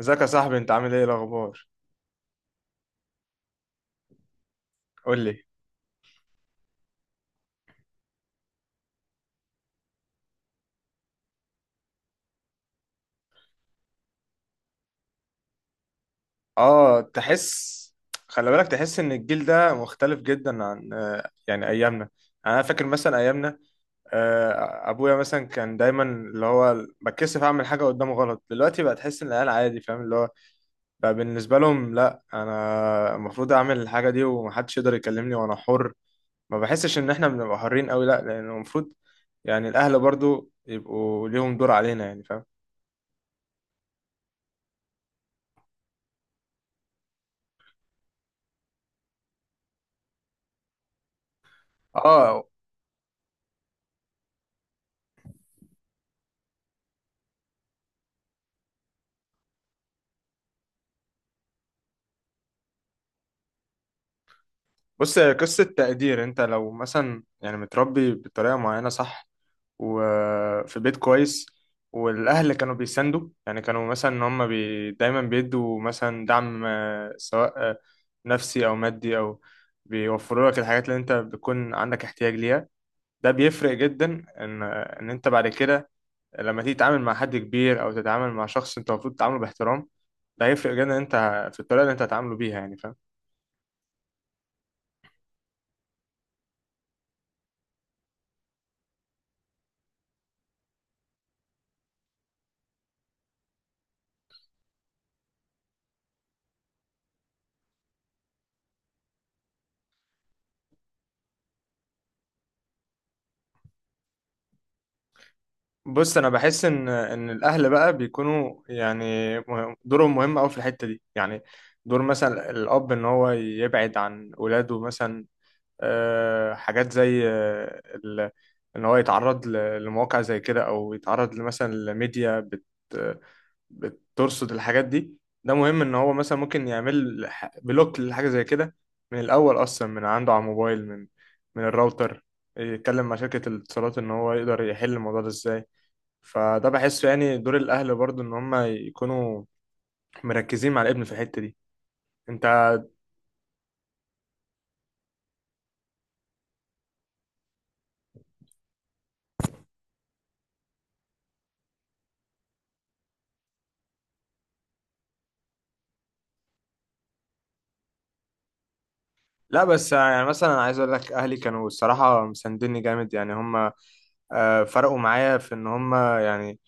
ازيك يا صاحبي؟ انت عامل ايه؟ إيه الاخبار؟ قول لي. اه، خلي بالك، تحس ان الجيل ده مختلف جدا عن يعني ايامنا. يعني انا فاكر مثلا ايامنا، ابويا مثلا كان دايما اللي هو بتكسف اعمل حاجه قدامه غلط. دلوقتي بقى تحس ان العيال عادي، فاهم؟ اللي هو بقى بالنسبه لهم، لا انا المفروض اعمل الحاجه دي ومحدش يقدر يكلمني وانا حر. ما بحسش ان احنا بنبقى حرين قوي، لا، لانه المفروض يعني الاهل برضو يبقوا ليهم دور علينا، يعني فاهم؟ اه. بص، هي قصة تقدير. انت لو مثلا يعني متربي بطريقة معينة صح، وفي بيت كويس، والأهل كانوا بيساندوا، يعني كانوا مثلا إن هم دايما بيدوا مثلا دعم، سواء نفسي أو مادي أو بيوفروا لك الحاجات اللي انت بتكون عندك احتياج ليها. ده بيفرق جدا إن انت بعد كده لما تيجي تتعامل مع حد كبير أو تتعامل مع شخص انت المفروض تتعامله باحترام، ده هيفرق جدا. انت في الطريقة اللي انت هتعامله بيها، يعني فاهم؟ بص، انا بحس ان الاهل بقى بيكونوا يعني دورهم مهم قوي في الحته دي، يعني دور مثلا الاب ان هو يبعد عن اولاده مثلا حاجات زي ان هو يتعرض لمواقع زي كده، او يتعرض مثلا لميديا بترصد الحاجات دي. ده مهم ان هو مثلا ممكن يعمل بلوك لحاجه زي كده من الاول، اصلا من عنده على الموبايل، من الراوتر، يتكلم مع شركه الاتصالات ان هو يقدر يحل الموضوع ده ازاي. فده بحسه يعني دور الاهل برضو ان هم يكونوا مركزين مع الابن في الحته دي. انت لا بس، يعني مثلا عايز اقول لك، اهلي كانوا الصراحه مساندني جامد، يعني هم فرقوا معايا في ان هم يعني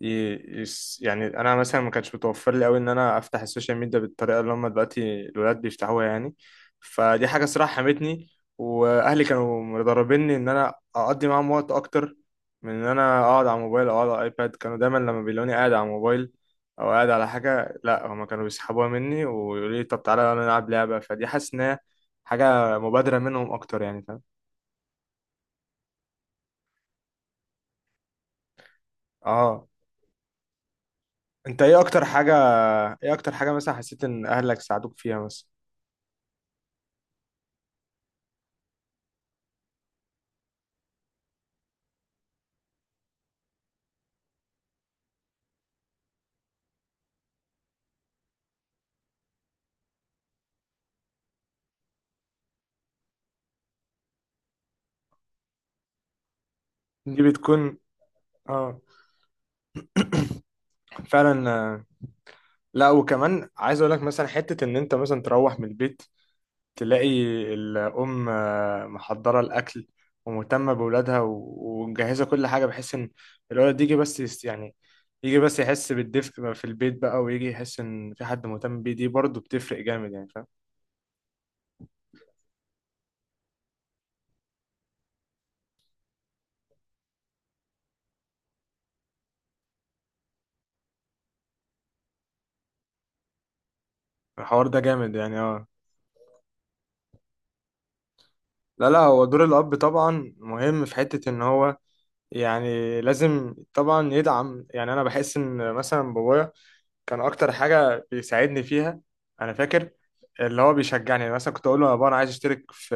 يعني انا مثلا ما كانش متوفر لي قوي ان انا افتح السوشيال ميديا بالطريقه اللي هم دلوقتي الولاد بيفتحوها يعني. فدي حاجه صراحه حمتني، واهلي كانوا مدربيني ان انا اقضي معاهم وقت اكتر من ان انا اقعد على الموبايل او اقعد على الايباد. كانوا دايما لما بيلاقوني قاعد على الموبايل او قاعد على حاجه، لا هما كانوا بيسحبوها مني ويقولوا لي طب تعالى يلا نلعب لعبه. فدي حاسس ان هي حاجه مبادره منهم اكتر، يعني فاهم؟ اه. انت ايه اكتر حاجه؟ ايه اكتر حاجه مثلا حسيت ان اهلك ساعدوك فيها مثلا؟ دي بتكون. اه. فعلا. لا، وكمان عايز اقول لك مثلا حتة ان انت مثلا تروح من البيت، تلاقي الام محضرة الاكل ومهتمة بولادها ومجهزة كل حاجة، بحيث ان الولد يجي بس يعني يجي بس يحس بالدفء بقى في البيت بقى، ويجي يحس ان في حد مهتم بيه. دي برضه بتفرق جامد، يعني فاهم؟ الحوار ده جامد، يعني اه. لا لا، هو دور الاب طبعا مهم في حتة ان هو يعني لازم طبعا يدعم. يعني انا بحس ان مثلا بابايا كان اكتر حاجه بيساعدني فيها، انا فاكر، اللي هو بيشجعني. يعني مثلا كنت اقول له يا بابا انا عايز اشترك في،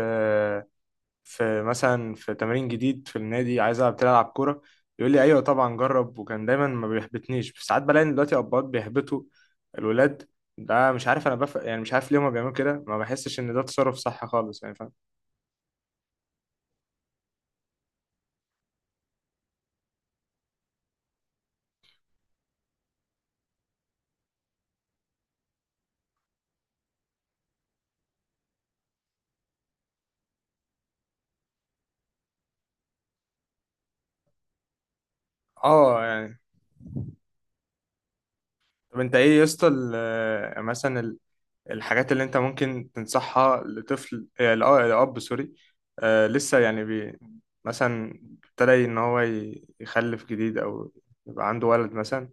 في مثلا في تمرين جديد في النادي، عايز العب تلعب كوره، يقول لي ايوه طبعا جرب. وكان دايما ما بيحبطنيش. بس ساعات بلاقي إن دلوقتي اباء بيحبطوا الولاد. ده مش عارف انا يعني مش عارف ليه هما بيعملوا كده. ما بحسش ان ده تصرف صح خالص، يعني فاهم؟ اه، يعني طب انت ايه يا اسطى مثلا الحاجات اللي انت ممكن تنصحها لطفل، لأب سوري، لسه يعني مثلا ابتدى ان هو يخلف جديد، او يبقى عنده ولد مثلا.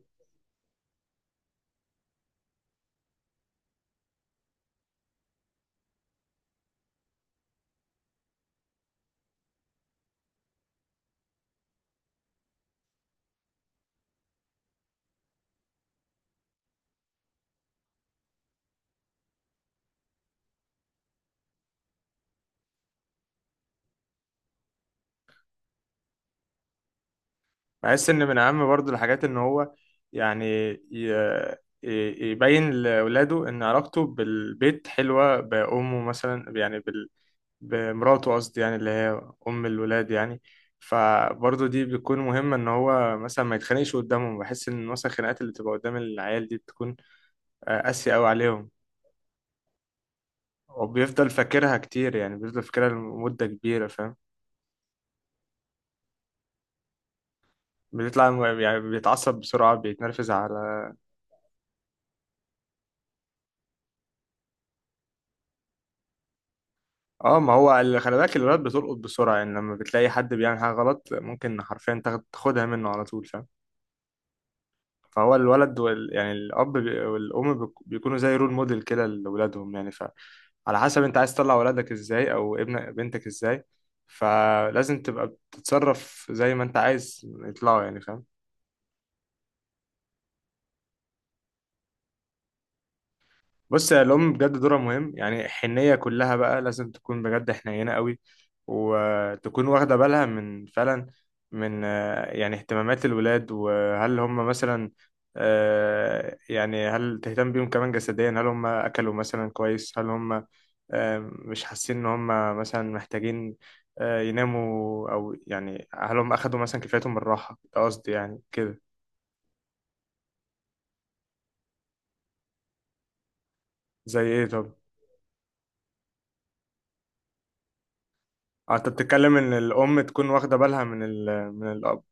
بحس ان من اهم برضو الحاجات ان هو يعني يبين لاولاده ان علاقته بالبيت حلوة، بامه مثلا، يعني بمراته قصدي، يعني اللي هي ام الولاد يعني. فبرضه دي بتكون مهمة، إن هو مثلا ما يتخانقش قدامهم. بحس إن مثلا الخناقات اللي بتبقى قدام العيال دي بتكون قاسية أوي عليهم، وبيفضل فاكرها كتير، يعني بيفضل فاكرها لمدة كبيرة، فاهم؟ بيطلع يعني بيتعصب بسرعة، بيتنرفز على. اه، ما هو اللي خلي بالك الولاد بتلقط بسرعة، يعني لما بتلاقي حد بيعمل حاجة غلط ممكن حرفيا تاخدها منه على طول، فاهم؟ فهو الولد يعني الأب والأم بيكونوا زي رول موديل كده لأولادهم، يعني على حسب انت عايز تطلع ولادك ازاي، او ابنك بنتك ازاي، فلازم تبقى بتتصرف زي ما انت عايز يطلعوا، يعني فاهم؟ بص يا، الأم بجد دورها مهم. يعني الحنية كلها بقى لازم تكون بجد حنينة قوي، وتكون واخدة بالها من فعلا، من يعني اهتمامات الولاد، وهل هم مثلا يعني هل تهتم بيهم كمان جسديا، هل هم أكلوا مثلا كويس، هل هم مش حاسين إن هم مثلا محتاجين يناموا، أو يعني هل هم أخدوا مثلا كفايتهم من الراحة. ده قصدي يعني كده. زي إيه طب؟ أنت بتتكلم إن الأم تكون واخدة بالها من ال من الأب.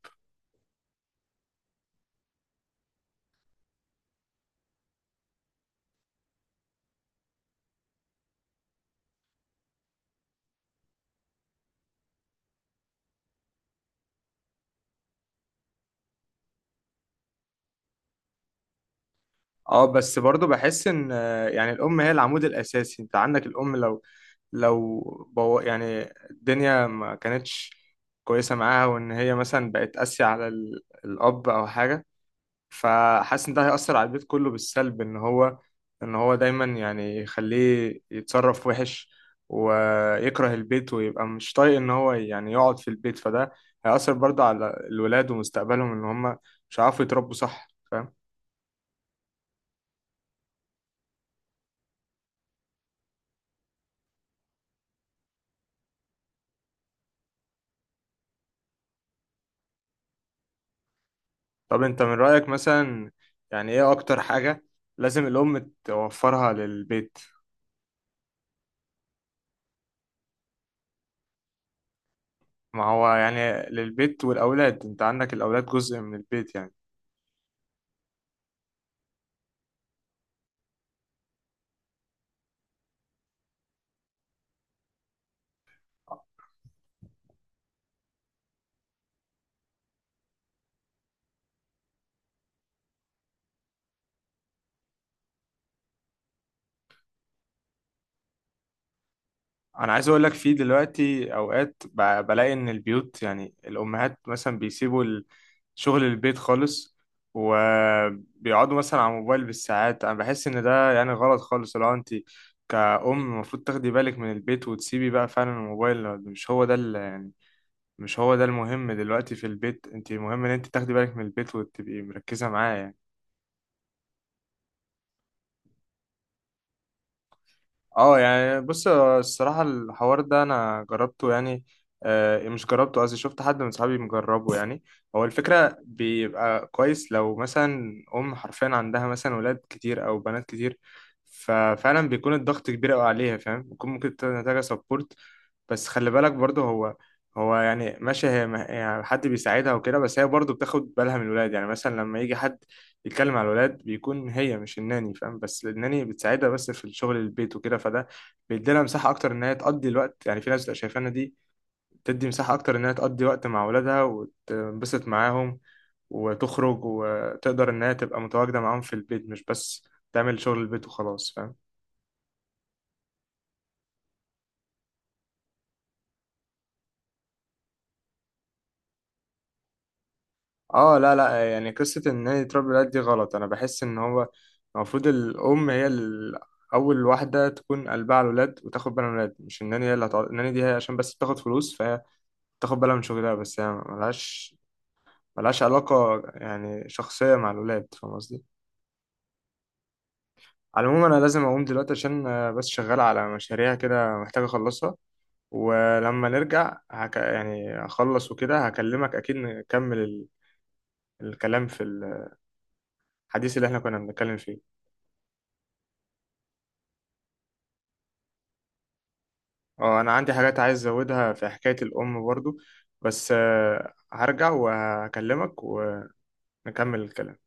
اه، بس برضو بحس ان يعني الام هي العمود الاساسي. انت عندك الام لو، لو، يعني الدنيا ما كانتش كويسه معاها، وان هي مثلا بقت قاسيه على الاب او حاجه، فحاسس ان ده هيأثر على البيت كله بالسلب. ان هو دايما يعني يخليه يتصرف وحش، ويكره البيت، ويبقى مش طايق ان هو يعني يقعد في البيت. فده هيأثر برضو على الولاد ومستقبلهم، ان هم مش هيعرفوا يتربوا صح. طب انت من رأيك مثلا، يعني ايه اكتر حاجة لازم الام توفرها للبيت؟ ما هو يعني للبيت والاولاد، انت عندك الاولاد جزء من البيت يعني. انا عايز اقول لك، في دلوقتي اوقات بلاقي ان البيوت، يعني الامهات مثلا بيسيبوا شغل البيت خالص، وبيقعدوا مثلا على الموبايل بالساعات. انا بحس ان ده يعني غلط خالص. لو انت كأم، المفروض تاخدي بالك من البيت، وتسيبي بقى فعلا الموبايل. مش هو ده المهم دلوقتي في البيت، انت المهم ان انت تاخدي بالك من البيت وتبقي مركزة معاه، يعني اه. يعني بص، الصراحة الحوار ده انا جربته، يعني مش جربته قصدي، شفت حد من صحابي مجربه، يعني هو الفكرة بيبقى كويس لو مثلا ام حرفيا عندها مثلا ولاد كتير او بنات كتير، ففعلا بيكون الضغط كبير قوي عليها، فاهم؟ بيكون ممكن تكون محتاجة سبورت. بس خلي بالك برضه، هو يعني ماشي، هي يعني حد بيساعدها وكده، بس هي برضه بتاخد بالها من الولاد. يعني مثلا لما يجي حد يتكلم على الولاد بيكون هي، مش الناني، فاهم؟ بس الناني بتساعدها بس في الشغل البيت وكده. فده بيديلها مساحة أكتر إن هي تقضي الوقت، يعني في ناس بتبقى شايفانا دي تدي مساحة أكتر إن هي تقضي وقت مع ولادها وتنبسط معاهم وتخرج، وتقدر إن هي تبقى متواجدة معاهم في البيت، مش بس تعمل شغل البيت وخلاص، فاهم؟ اه لا لا، يعني قصة ان هي تربي الولاد دي غلط. انا بحس ان هو المفروض الام هي اول واحدة تكون قلبها على الولاد وتاخد بالها من الولاد، مش الناني هي اللي هتقعد. الناني دي هي عشان بس بتاخد فلوس، فهي تاخد بالها من شغلها بس، هي ملهاش علاقة يعني شخصية مع الولاد، فاهم قصدي؟ على العموم، انا لازم اقوم دلوقتي عشان بس شغال على مشاريع كده محتاج اخلصها. ولما نرجع يعني اخلص وكده هكلمك اكيد، نكمل الكلام في الحديث اللي احنا كنا بنتكلم فيه. اه، انا عندي حاجات عايز ازودها في حكاية الام برضو، بس هرجع وهكلمك ونكمل الكلام.